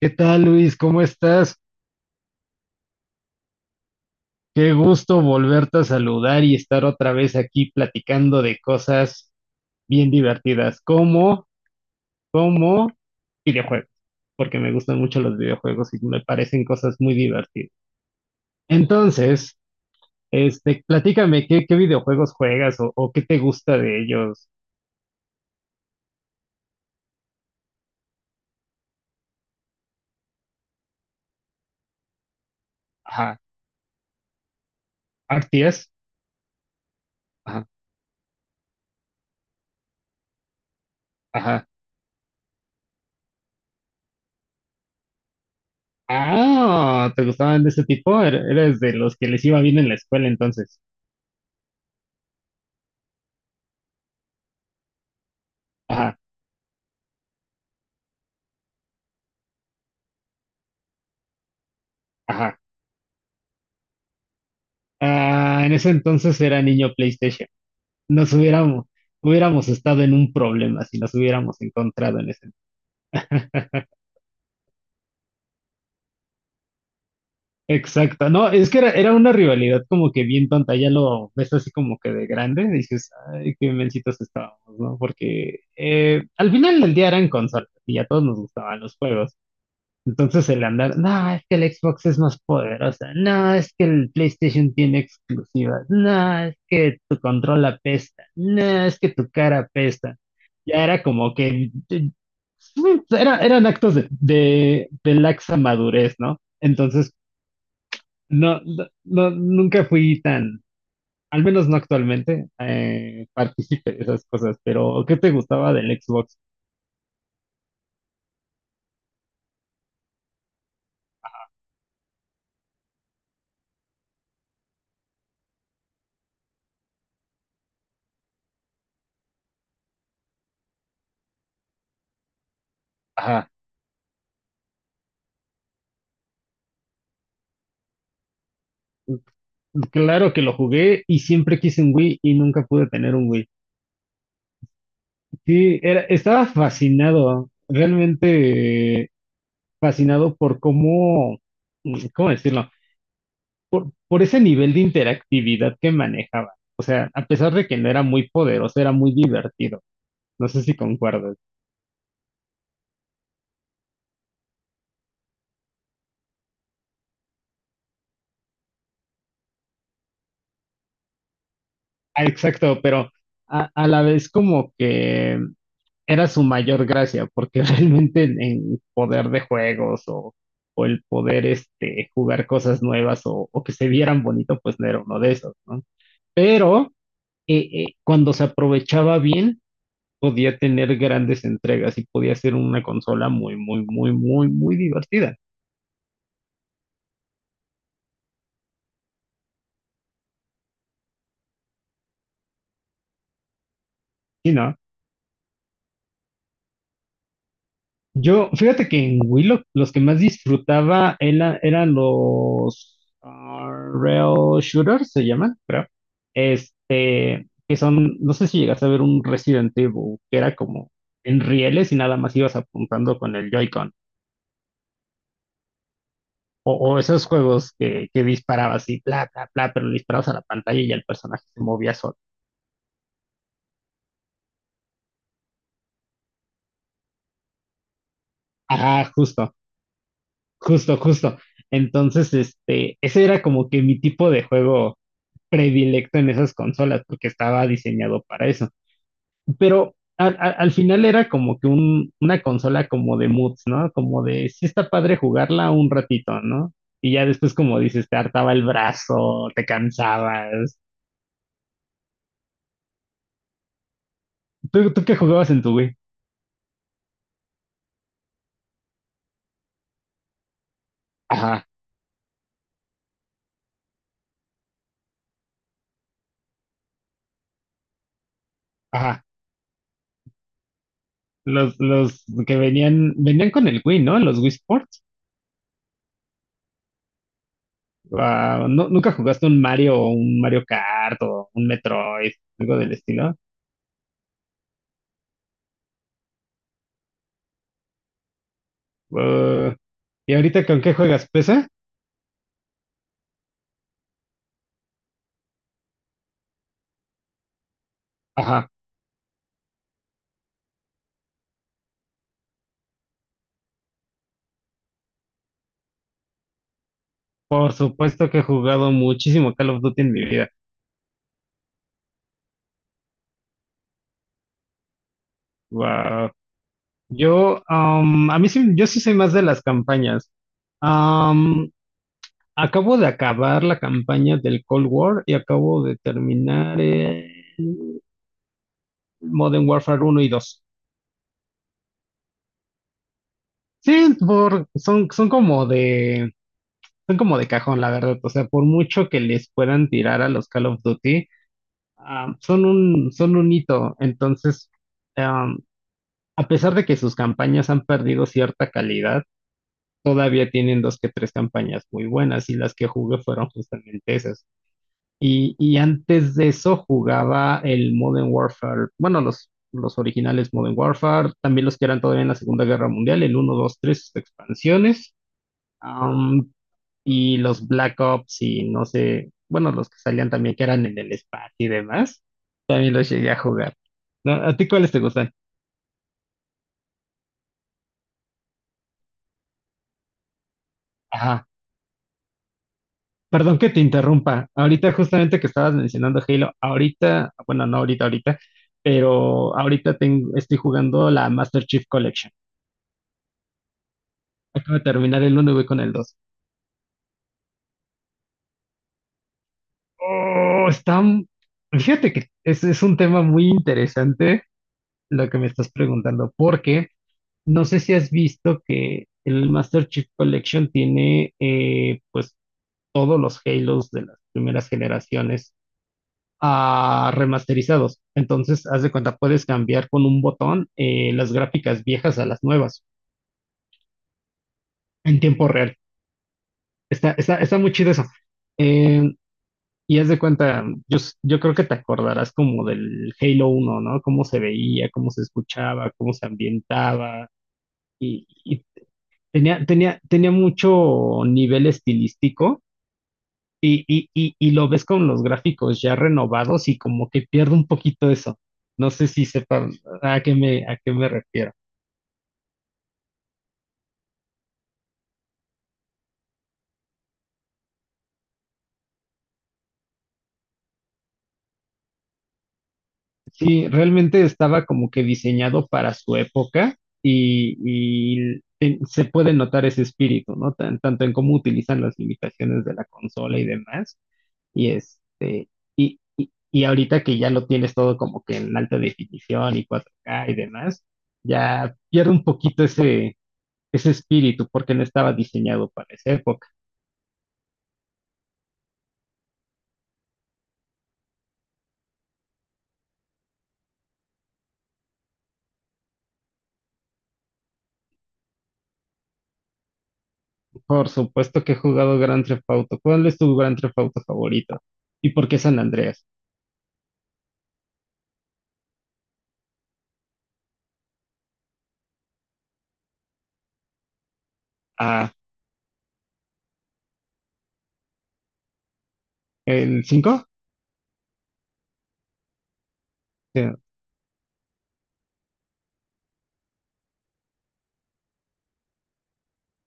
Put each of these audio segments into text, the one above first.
¿Qué tal, Luis? ¿Cómo estás? Qué gusto volverte a saludar y estar otra vez aquí platicando de cosas bien divertidas, como videojuegos, porque me gustan mucho los videojuegos y me parecen cosas muy divertidas. Entonces, platícame qué videojuegos juegas o qué te gusta de ellos. Ajá, ¿RTS? Ajá, ajá. Ah, ¿te gustaban de ese tipo? Eres de los que les iba bien en la escuela entonces. Ajá. Ajá. Ah, en ese entonces era niño PlayStation. Nos hubiéramos estado en un problema si nos hubiéramos encontrado en ese. Exacto, no, es que era una rivalidad como que bien tonta. Ya lo ves así como que de grande y dices, ay, qué mencitos estábamos, ¿no? Porque al final del día eran consolas y a todos nos gustaban los juegos. Entonces el andar, no, es que el Xbox es más poderosa, no, es que el PlayStation tiene exclusivas, no, es que tu control apesta, no, es que tu cara apesta. Ya era como que, eran actos de laxa madurez, ¿no? Entonces, no, nunca fui tan, al menos no actualmente, partícipe de esas cosas. Pero ¿qué te gustaba del Xbox? Ajá, claro que lo jugué y siempre quise un Wii y nunca pude tener un Wii. Sí, estaba fascinado, realmente fascinado por cómo, ¿cómo decirlo? Por ese nivel de interactividad que manejaba. O sea, a pesar de que no era muy poderoso, era muy divertido. No sé si concuerdas. Ah, exacto, pero a la vez como que era su mayor gracia, porque realmente en poder de juegos o el poder jugar cosas nuevas o que se vieran bonito, pues no era uno de esos, ¿no? Pero, cuando se aprovechaba bien, podía tener grandes entregas y podía ser una consola muy, muy, muy, muy, muy divertida. Y no, fíjate que en Wii Willow los que más disfrutaba eran los Rail Shooters, se llaman, creo. Que son, no sé si llegas a ver un Resident Evil, que era como en rieles y nada más ibas apuntando con el Joy-Con. O esos juegos que disparabas y bla, bla, bla, pero le disparabas a la pantalla y ya el personaje se movía solo. Ajá, justo, justo, justo. Entonces, ese era como que mi tipo de juego predilecto en esas consolas, porque estaba diseñado para eso. Pero al final era como que una consola como de moods, ¿no? Como de, sí está padre jugarla un ratito, ¿no? Y ya después, como dices, te hartaba el brazo, te cansabas. ¿Tú qué jugabas en tu Wii? Ajá, ajá. Los que venían con el Wii, ¿no? Los Wii Sports. Wow, ¿Nunca jugaste un Mario o un Mario Kart o un Metroid, algo del estilo? Uh, ¿y ahorita con qué juegas? ¿PC? Ajá, por supuesto que he jugado muchísimo Call of Duty en mi vida. Wow. A mí sí, yo sí soy más de las campañas. Am, Acabo de acabar la campaña del Cold War y acabo de terminar el Modern Warfare uno y dos. Sí, son como de cajón, la verdad. O sea, por mucho que les puedan tirar a los Call of Duty, son un hito. Entonces, ah, a pesar de que sus campañas han perdido cierta calidad, todavía tienen dos que tres campañas muy buenas y las que jugué fueron justamente esas. Y antes de eso jugaba el Modern Warfare, bueno, los originales Modern Warfare, también los que eran todavía en la Segunda Guerra Mundial, el uno 2 3 expansiones. Um, y los Black Ops y no sé, bueno, los que salían también que eran en el espacio y demás, también los llegué a jugar. ¿No? ¿A ti cuáles te gustan? Ajá. Perdón que te interrumpa. Ahorita justamente que estabas mencionando Halo, ahorita, bueno, no ahorita, ahorita, pero ahorita estoy jugando la Master Chief Collection. Acabo de terminar el uno y voy con el dos. Oh, fíjate que es un tema muy interesante lo que me estás preguntando, porque no sé si has visto que el Master Chief Collection tiene pues todos los Halos de las primeras generaciones remasterizados. Entonces, haz de cuenta, puedes cambiar con un botón las gráficas viejas a las nuevas en tiempo real. Está muy chido eso. Eh, y haz de cuenta, yo creo que te acordarás como del Halo uno, ¿no? Cómo se veía, cómo se escuchaba, cómo se ambientaba. Y tenía mucho nivel estilístico, y lo ves con los gráficos ya renovados y como que pierde un poquito eso. No sé si sepan a qué me refiero. Sí, realmente estaba como que diseñado para su época y, y se puede notar ese espíritu, ¿no? Tanto en cómo utilizan las limitaciones de la consola y demás. Y este, y ahorita que ya lo tienes todo como que en alta definición y 4K y demás, ya pierde un poquito ese espíritu porque no estaba diseñado para esa época. Por supuesto que he jugado Grand Theft Auto. ¿Cuál es tu Grand Theft Auto favorito? ¿Y por qué San Andreas? Ah, ¿el cinco? Eh,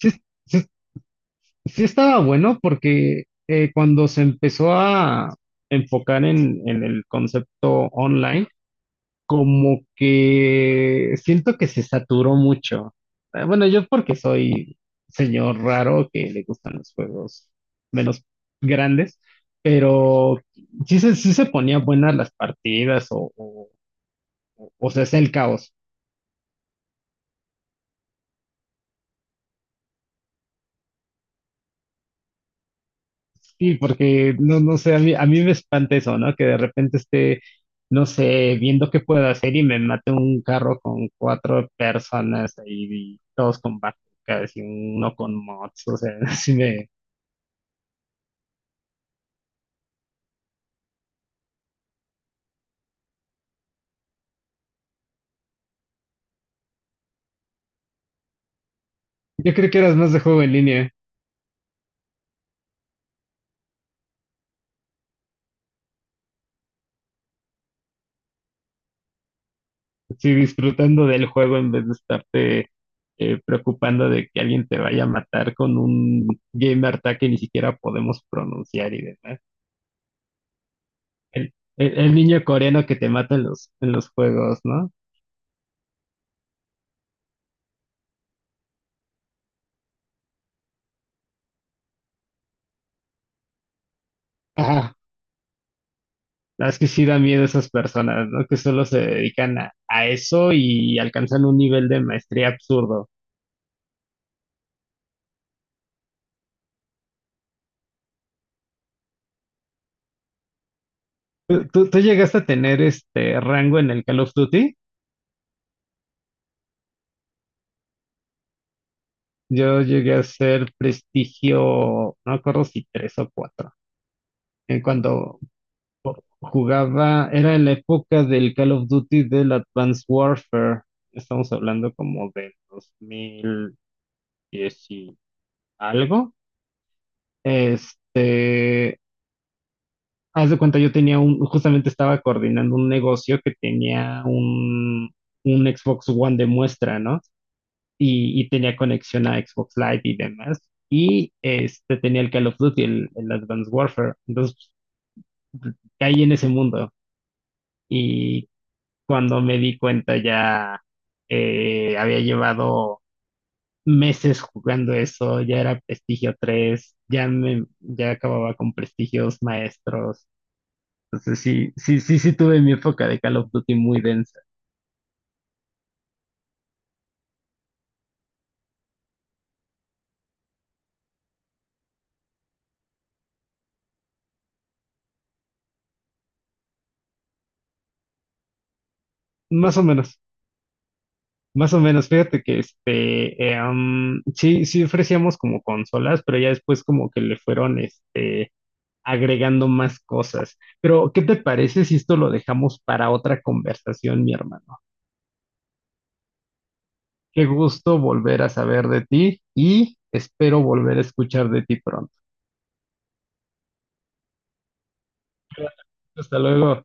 Sí, sí, sí, estaba bueno porque cuando se empezó a enfocar en el concepto online, como que siento que se saturó mucho. Bueno, yo porque soy señor raro que le gustan los juegos menos grandes. Pero sí se ponían buenas las partidas o se hacía el caos. Sí, porque no, no sé, a mí me espanta eso, ¿no? Que de repente esté, no sé, viendo qué puedo hacer y me mate un carro con cuatro personas ahí, y todos con bazookas y uno con mods, o sea, así me, yo creo que eras más de juego en línea, sí, disfrutando del juego en vez de estarte preocupando de que alguien te vaya a matar con un game art que ni siquiera podemos pronunciar y demás. El niño coreano que te mata en los juegos, ¿no? Ajá. La verdad es que sí da miedo esas personas, ¿no? Que solo se dedican a eso y alcanzan un nivel de maestría absurdo. ¿Tú llegaste a tener este rango en el Call of Duty? Yo llegué a ser prestigio, no me acuerdo si tres o cuatro. Cuando jugaba, era en la época del Call of Duty del Advanced Warfare. Estamos hablando como de 2010 y algo. Este, Haz de cuenta, yo tenía justamente estaba coordinando un negocio que tenía un Xbox One de muestra, ¿no? Y tenía conexión a Xbox Live y demás. Y este tenía el Call of Duty, el Advanced Warfare. Entonces caí en ese mundo. Y cuando me di cuenta ya había llevado meses jugando eso. Ya era prestigio tres, ya acababa con prestigios maestros. Entonces sí, sí, sí, sí tuve mi época de Call of Duty muy densa. Más o menos. Más o menos, fíjate que sí, sí ofrecíamos como consolas, pero ya después como que le fueron agregando más cosas. Pero, ¿qué te parece si esto lo dejamos para otra conversación, mi hermano? Qué gusto volver a saber de ti y espero volver a escuchar de ti pronto. Hasta luego.